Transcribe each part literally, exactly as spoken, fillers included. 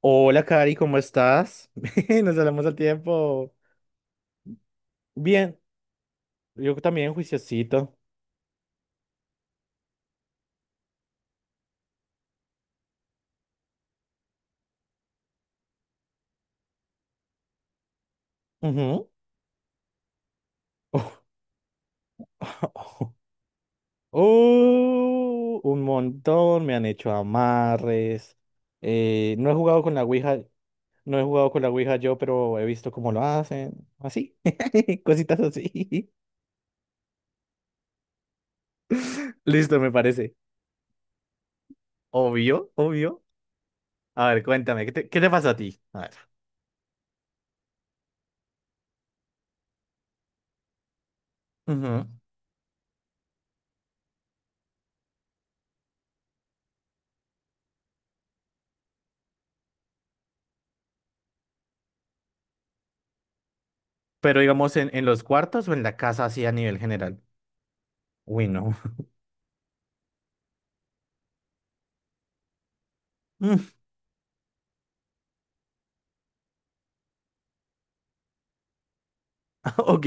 Hola, Cari, ¿cómo estás? Nos hablamos al tiempo. Bien, yo también, juiciosito. Ujú. Oh, un montón, me han hecho amarres. Eh, no he jugado con la Ouija, no he jugado con la Ouija yo, pero he visto cómo lo hacen. Así, cositas así. Listo, me parece. Obvio, obvio. A ver, cuéntame, ¿qué te, qué te pasa a ti? A ver. Ujú. Pero digamos, en, en los cuartos o en la casa así a nivel general. Uy, no. Mm, Ok.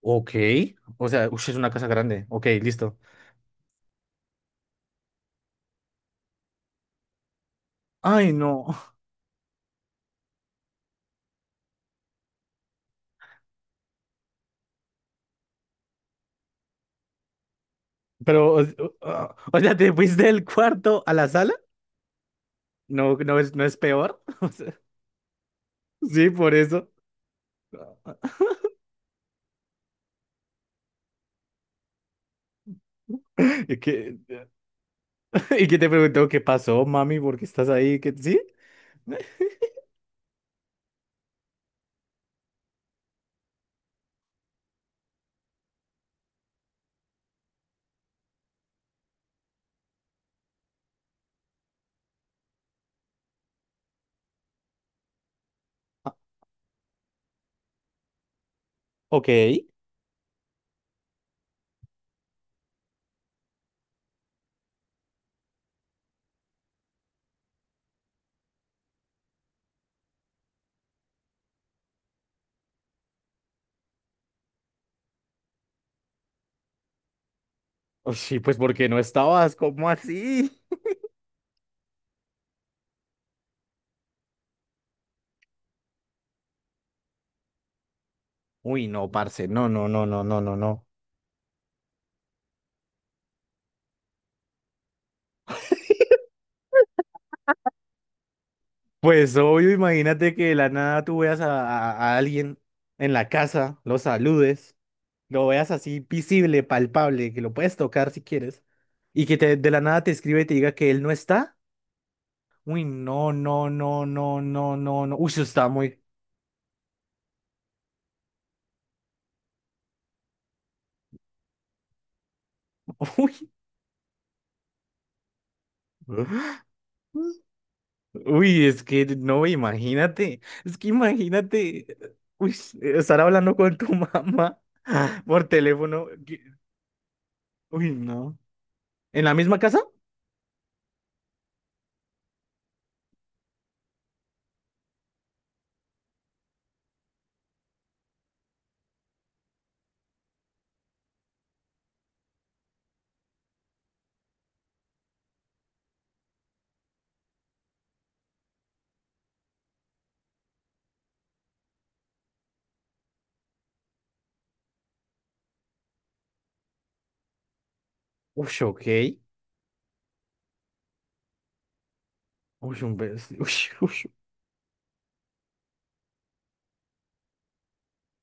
Ok. O sea, ush, es una casa grande. Ok, listo. Ay, no. Pero, o, o- ah, o sea, ¿te fuiste del cuarto a la sala? No, no es, no es peor. O sea, sí, por eso. ¿Y qué y qué te preguntó qué pasó, mami? ¿Por qué estás ahí? ¿Qué, sí? Ok. Uy, sí, pues porque no estabas, ¿cómo así? Uy, no, parce, no, no, no, no, no, no, no. Pues obvio, imagínate que de la nada tú veas a, a- a alguien en la casa, lo saludes, lo veas así visible, palpable, que lo puedes tocar si quieres, y que te, de la nada te escribe y te diga que él no está. Uy, no, no, no, no, no, no, no. Uy, eso está muy... Uy. Uy, es que no, imagínate, es que imagínate, uy, estar hablando con tu mamá por teléfono. Que- Uy, no. ¿En la misma casa? Uy, ok. Uy, un bes- uy, uy.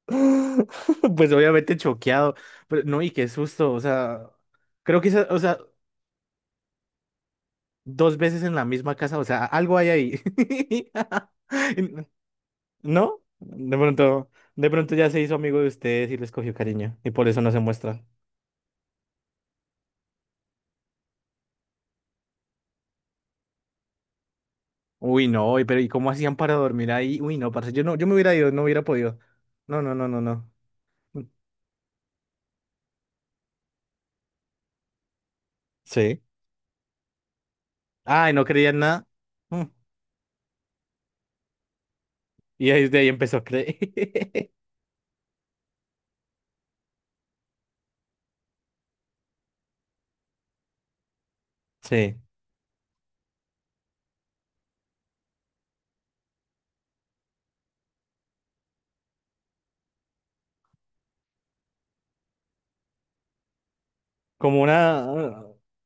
Pues obviamente choqueado. Pero, no, y qué susto. O sea, creo que esa, o sea, dos veces en la misma casa, o sea, algo hay ahí. ¿No? De pronto, de pronto ya se hizo amigo de ustedes y les cogió cariño y por eso no se muestra. Uy, no, y pero ¿y cómo hacían para dormir ahí? Uy, no, parce, yo no, yo me hubiera ido, no hubiera podido. No, no, no, no, no. Sí. Ay, no creía en nada. Mm. Y ahí desde ahí empezó a creer. Sí. Como una,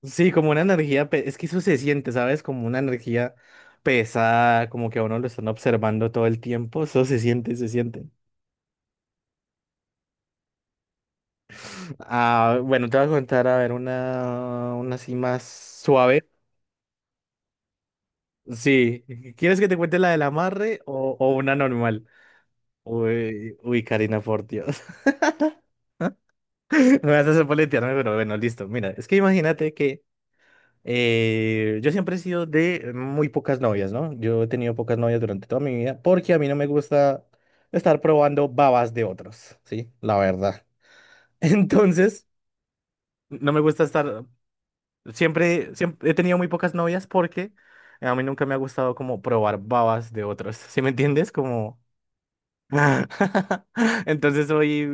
sí, como una energía, pe- es que eso se siente, ¿sabes? Como una energía pesada, como que a uno lo están observando todo el tiempo, eso se siente, se siente. Ah, bueno, te voy a contar, a ver, una, una así más suave. Sí, ¿quieres que te cuente la del amarre o, o una normal? Uy, uy, Karina, por Dios. Me vas a hacer poletearme, pero bueno, listo. Mira, es que imagínate que Eh, yo siempre he sido de muy pocas novias, ¿no? Yo he tenido pocas novias durante toda mi vida porque a mí no me gusta estar probando babas de otros, ¿sí? La verdad. Entonces, no me gusta estar, siempre, siempre he tenido muy pocas novias porque a mí nunca me ha gustado como probar babas de otros, ¿sí me entiendes? Como... Entonces soy,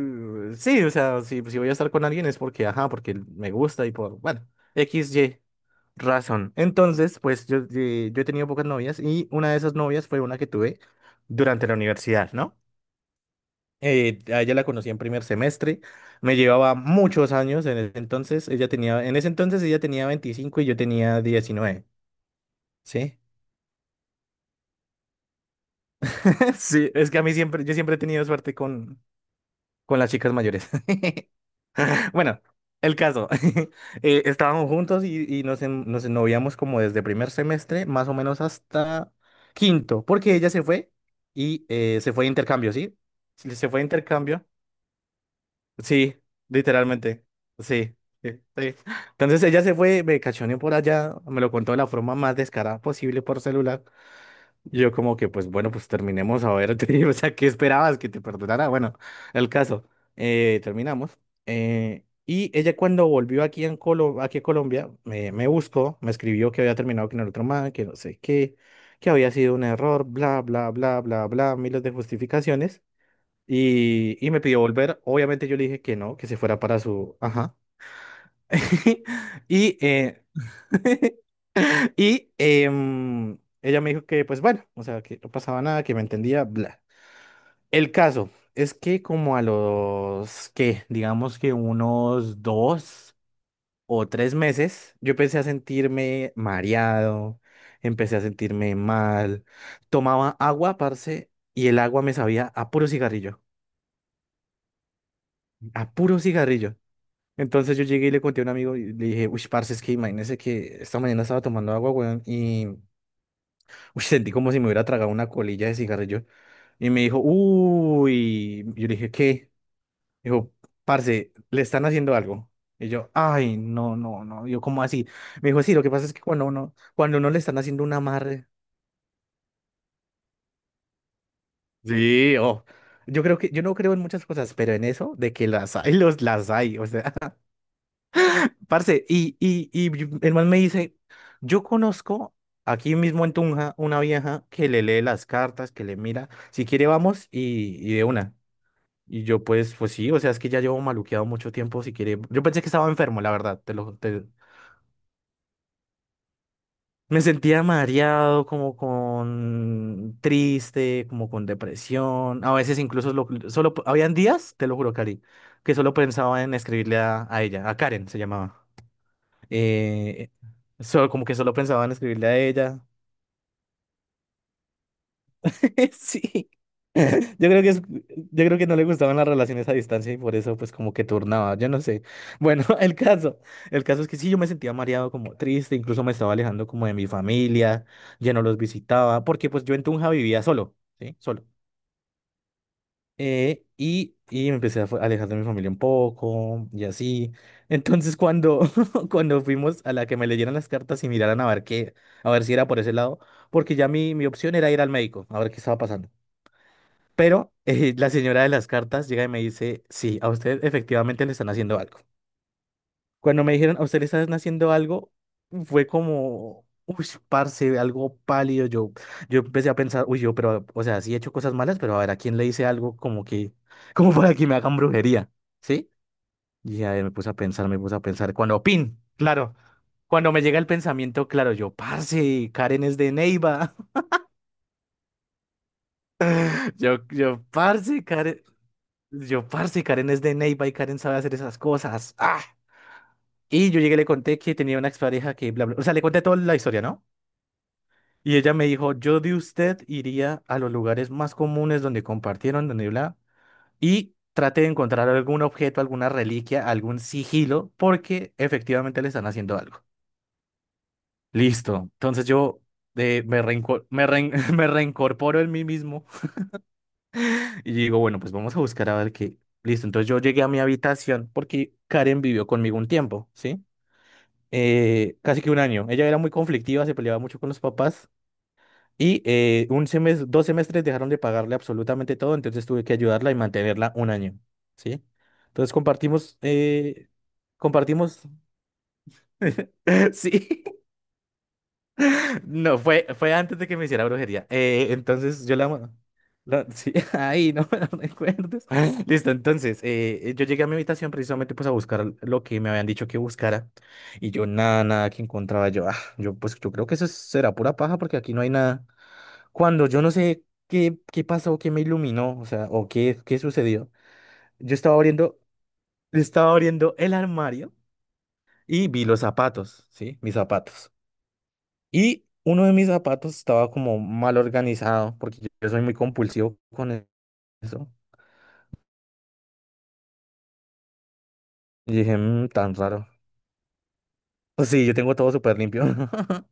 sí, o sea, si, si voy a estar con alguien es porque, ajá, porque me gusta y por, bueno, X, Y razón. Entonces, pues yo, eh, yo he tenido pocas novias y una de esas novias fue una que tuve durante la universidad, ¿no? Eh, a ella la conocí en primer semestre, me llevaba muchos años en ese entonces, ella tenía, en ese entonces ella tenía veinticinco y yo tenía diecinueve ¿sí? Sí, es que a mí siempre, yo siempre he tenido suerte con, con las chicas mayores. Bueno, el caso. eh, estábamos juntos y, y nos, en- nos ennoviamos como desde primer semestre, más o menos hasta quinto, porque ella se fue y eh, se fue de intercambio, ¿sí? Se se fue de intercambio. Sí, literalmente. Sí, sí, sí. Entonces ella se fue, me cachoneó por allá, me lo contó de la forma más descarada posible por celular. Yo como que, pues bueno, pues terminemos a ver, o sea, ¿qué esperabas que te perdonara? Bueno, el caso, eh, terminamos. eh, y ella cuando volvió aquí, en Colo- aquí a Colombia, me, me buscó, me escribió que había terminado con el otro man, que no sé qué, que había sido un error, bla, bla, bla, bla, bla, miles de justificaciones. Y, y me pidió volver, obviamente yo le dije que no, que se fuera para su... Ajá. Y... Eh, Y em, ella me dijo que, pues bueno, o sea, que no pasaba nada, que me entendía, bla. El caso es que como a los, que digamos que unos dos o tres meses, yo empecé a sentirme mareado, empecé a sentirme mal, tomaba agua, parce, y el agua me sabía a puro cigarrillo, a puro cigarrillo. Entonces yo llegué y le conté a un amigo y le dije, uy, parce, es que imagínese que esta mañana estaba tomando agua, weón, y Uy, sentí como si me hubiera tragado una colilla de cigarrillo. Y me dijo, uy, yo le dije, ¿qué? Dijo, parce, le están haciendo algo. Y yo, ay, no, no, no. Yo, ¿cómo así? Me dijo, sí, lo que pasa es que cuando uno, cuando uno le están haciendo un amarre. Sí, oh. Yo creo que, yo no creo en muchas cosas, pero en eso de que las hay, los, las hay. O sea, parce, y, y, y yo- el man me dice, yo conozco aquí mismo en Tunja una vieja que le lee las cartas, que le mira. Si quiere, vamos y, y de una. Y yo pues, pues sí, o sea, es que ya llevo maluqueado mucho tiempo, si quiere. Yo pensé que estaba enfermo, la verdad, te lo... te- Me sentía mareado, como con triste, como con depresión. A veces incluso lo- solo habían días, te lo juro, Cari, que solo pensaba en escribirle a, a ella, a Karen se llamaba. Eh, solo, como que solo pensaba en escribirle a ella. Sí. Yo creo que es, yo creo que no le gustaban las relaciones a distancia y por eso pues como que turnaba, yo no sé. Bueno, el caso, el caso es que sí, yo me sentía mareado, como triste, incluso me estaba alejando como de mi familia, ya no los visitaba, porque pues yo en Tunja vivía solo, ¿sí? Solo. Eh, y, y me empecé a fu- alejar de mi familia un poco y así. Entonces cuando, cuando fuimos a la que me leyeran las cartas y miraran a ver qué, a ver si era por ese lado, porque ya mi, mi opción era ir al médico, a ver qué estaba pasando. Pero eh, la señora de las cartas llega y me dice, sí, a usted efectivamente le están haciendo algo. Cuando me dijeron, a usted le están haciendo algo, fue como, uy, parce, algo pálido. Yo, yo empecé a pensar, uy, yo, pero, o sea, sí he hecho cosas malas, pero a ver, ¿a quién le hice algo como que, como para que me hagan brujería? ¿Sí? Y ahí me puse a pensar, me puse a pensar. Cuando, pin, claro. Cuando me llega el pensamiento, claro, yo, parce, Karen es de Neiva. Yo, yo, parce, Karen. Yo, parce, Karen es de Neiva y Karen sabe hacer esas cosas. ¡Ah! Y yo llegué y le conté que tenía una expareja que bla, bla. O sea, le conté toda la historia, ¿no? Y ella me dijo, yo de usted iría a los lugares más comunes donde compartieron, donde bla, y trate de encontrar algún objeto, alguna reliquia, algún sigilo, porque efectivamente le están haciendo algo. Listo. Entonces yo eh, me reinco- me rein- me reincorporo en mí mismo Y yo digo, bueno, pues vamos a buscar a ver qué. Listo, entonces yo llegué a mi habitación porque Karen vivió conmigo un tiempo, ¿sí? Eh, casi que un año. Ella era muy conflictiva, se peleaba mucho con los papás y eh, un semestre, dos semestres dejaron de pagarle absolutamente todo, entonces tuve que ayudarla y mantenerla un año, ¿sí? Entonces compartimos, eh, compartimos, sí, No, fue, fue antes de que me hiciera brujería. Eh, entonces yo la... mo- la- sí, ahí no me lo recuerdes. Listo, entonces eh, yo llegué a mi habitación precisamente pues a buscar lo que me habían dicho que buscara y yo nada, nada que encontraba yo. Ah, yo pues yo creo que eso es- será pura paja porque aquí no hay nada. Cuando yo no sé qué, qué pasó, qué me iluminó, o sea, o qué, qué sucedió, yo estaba abriendo, estaba abriendo el armario y vi los zapatos, ¿sí? Mis zapatos. Y uno de mis zapatos estaba como mal organizado, porque yo yo soy muy compulsivo con e- eso. Y dije, "Mm, tan raro. Pues sí, yo tengo todo súper limpio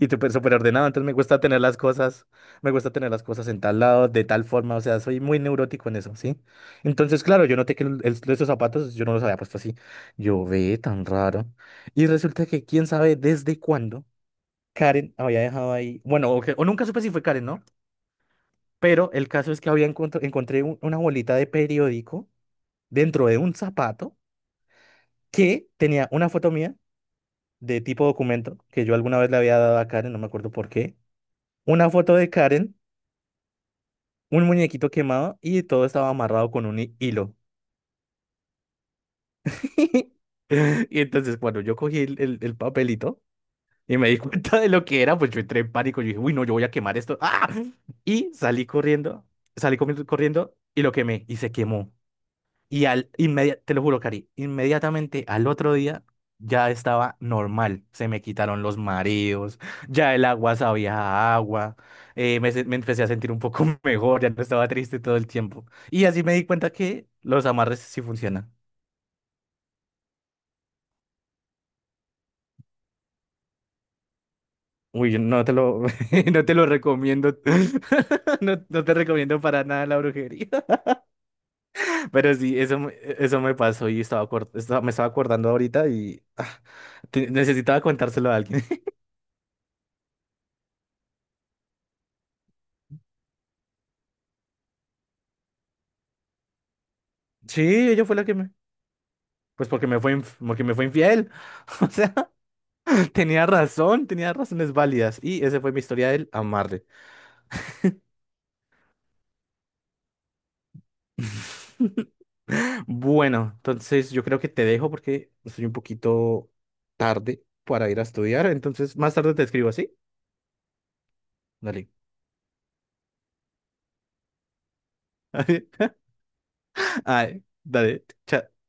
y súper súper ordenado, entonces me gusta tener las cosas, me gusta tener las cosas en tal lado, de tal forma, o sea, soy muy neurótico en eso, ¿sí? Entonces, claro, yo noté que el- el- esos zapatos yo no los había puesto así. Yo ve tan raro. Y resulta que quién sabe desde cuándo Karen había dejado ahí, bueno, o, que- o nunca supe si fue Karen, ¿no? Pero el caso es que había encontr- encontré un- una bolita de periódico dentro de un zapato que tenía una foto mía de tipo documento que yo alguna vez le había dado a Karen, no me acuerdo por qué. Una foto de Karen, un muñequito quemado y todo estaba amarrado con un hi- hilo. Y entonces cuando yo cogí el, el- el papelito y me di cuenta de lo que era, pues yo entré en pánico. Yo dije, uy, no, yo voy a quemar esto. ¡Ah! Y salí corriendo, salí comi- corriendo y lo quemé y se quemó. Y al inmediatamente, te lo juro, Cari, inmediatamente al otro día ya estaba normal. Se me quitaron los mareos, ya el agua sabía a agua, eh, me, se- me empecé a sentir un poco mejor, ya no estaba triste todo el tiempo. Y así me di cuenta que los amarres sí funcionan. Uy, no te lo, no te lo recomiendo. No, no te recomiendo para nada la brujería. Pero sí, eso, me- eso me pasó y estaba, acor- estaba- me estaba acordando ahorita y ah, te- necesitaba contárselo a alguien. Sí, ella fue la que me... Pues porque me fue, inf- porque me fue infiel. O sea, tenía razón, tenía razones válidas. Y esa fue mi historia del amarre. Bueno, entonces yo creo que te dejo porque estoy un poquito tarde para ir a estudiar. Entonces, más tarde te escribo, así Dale. Ay, dale. Chao.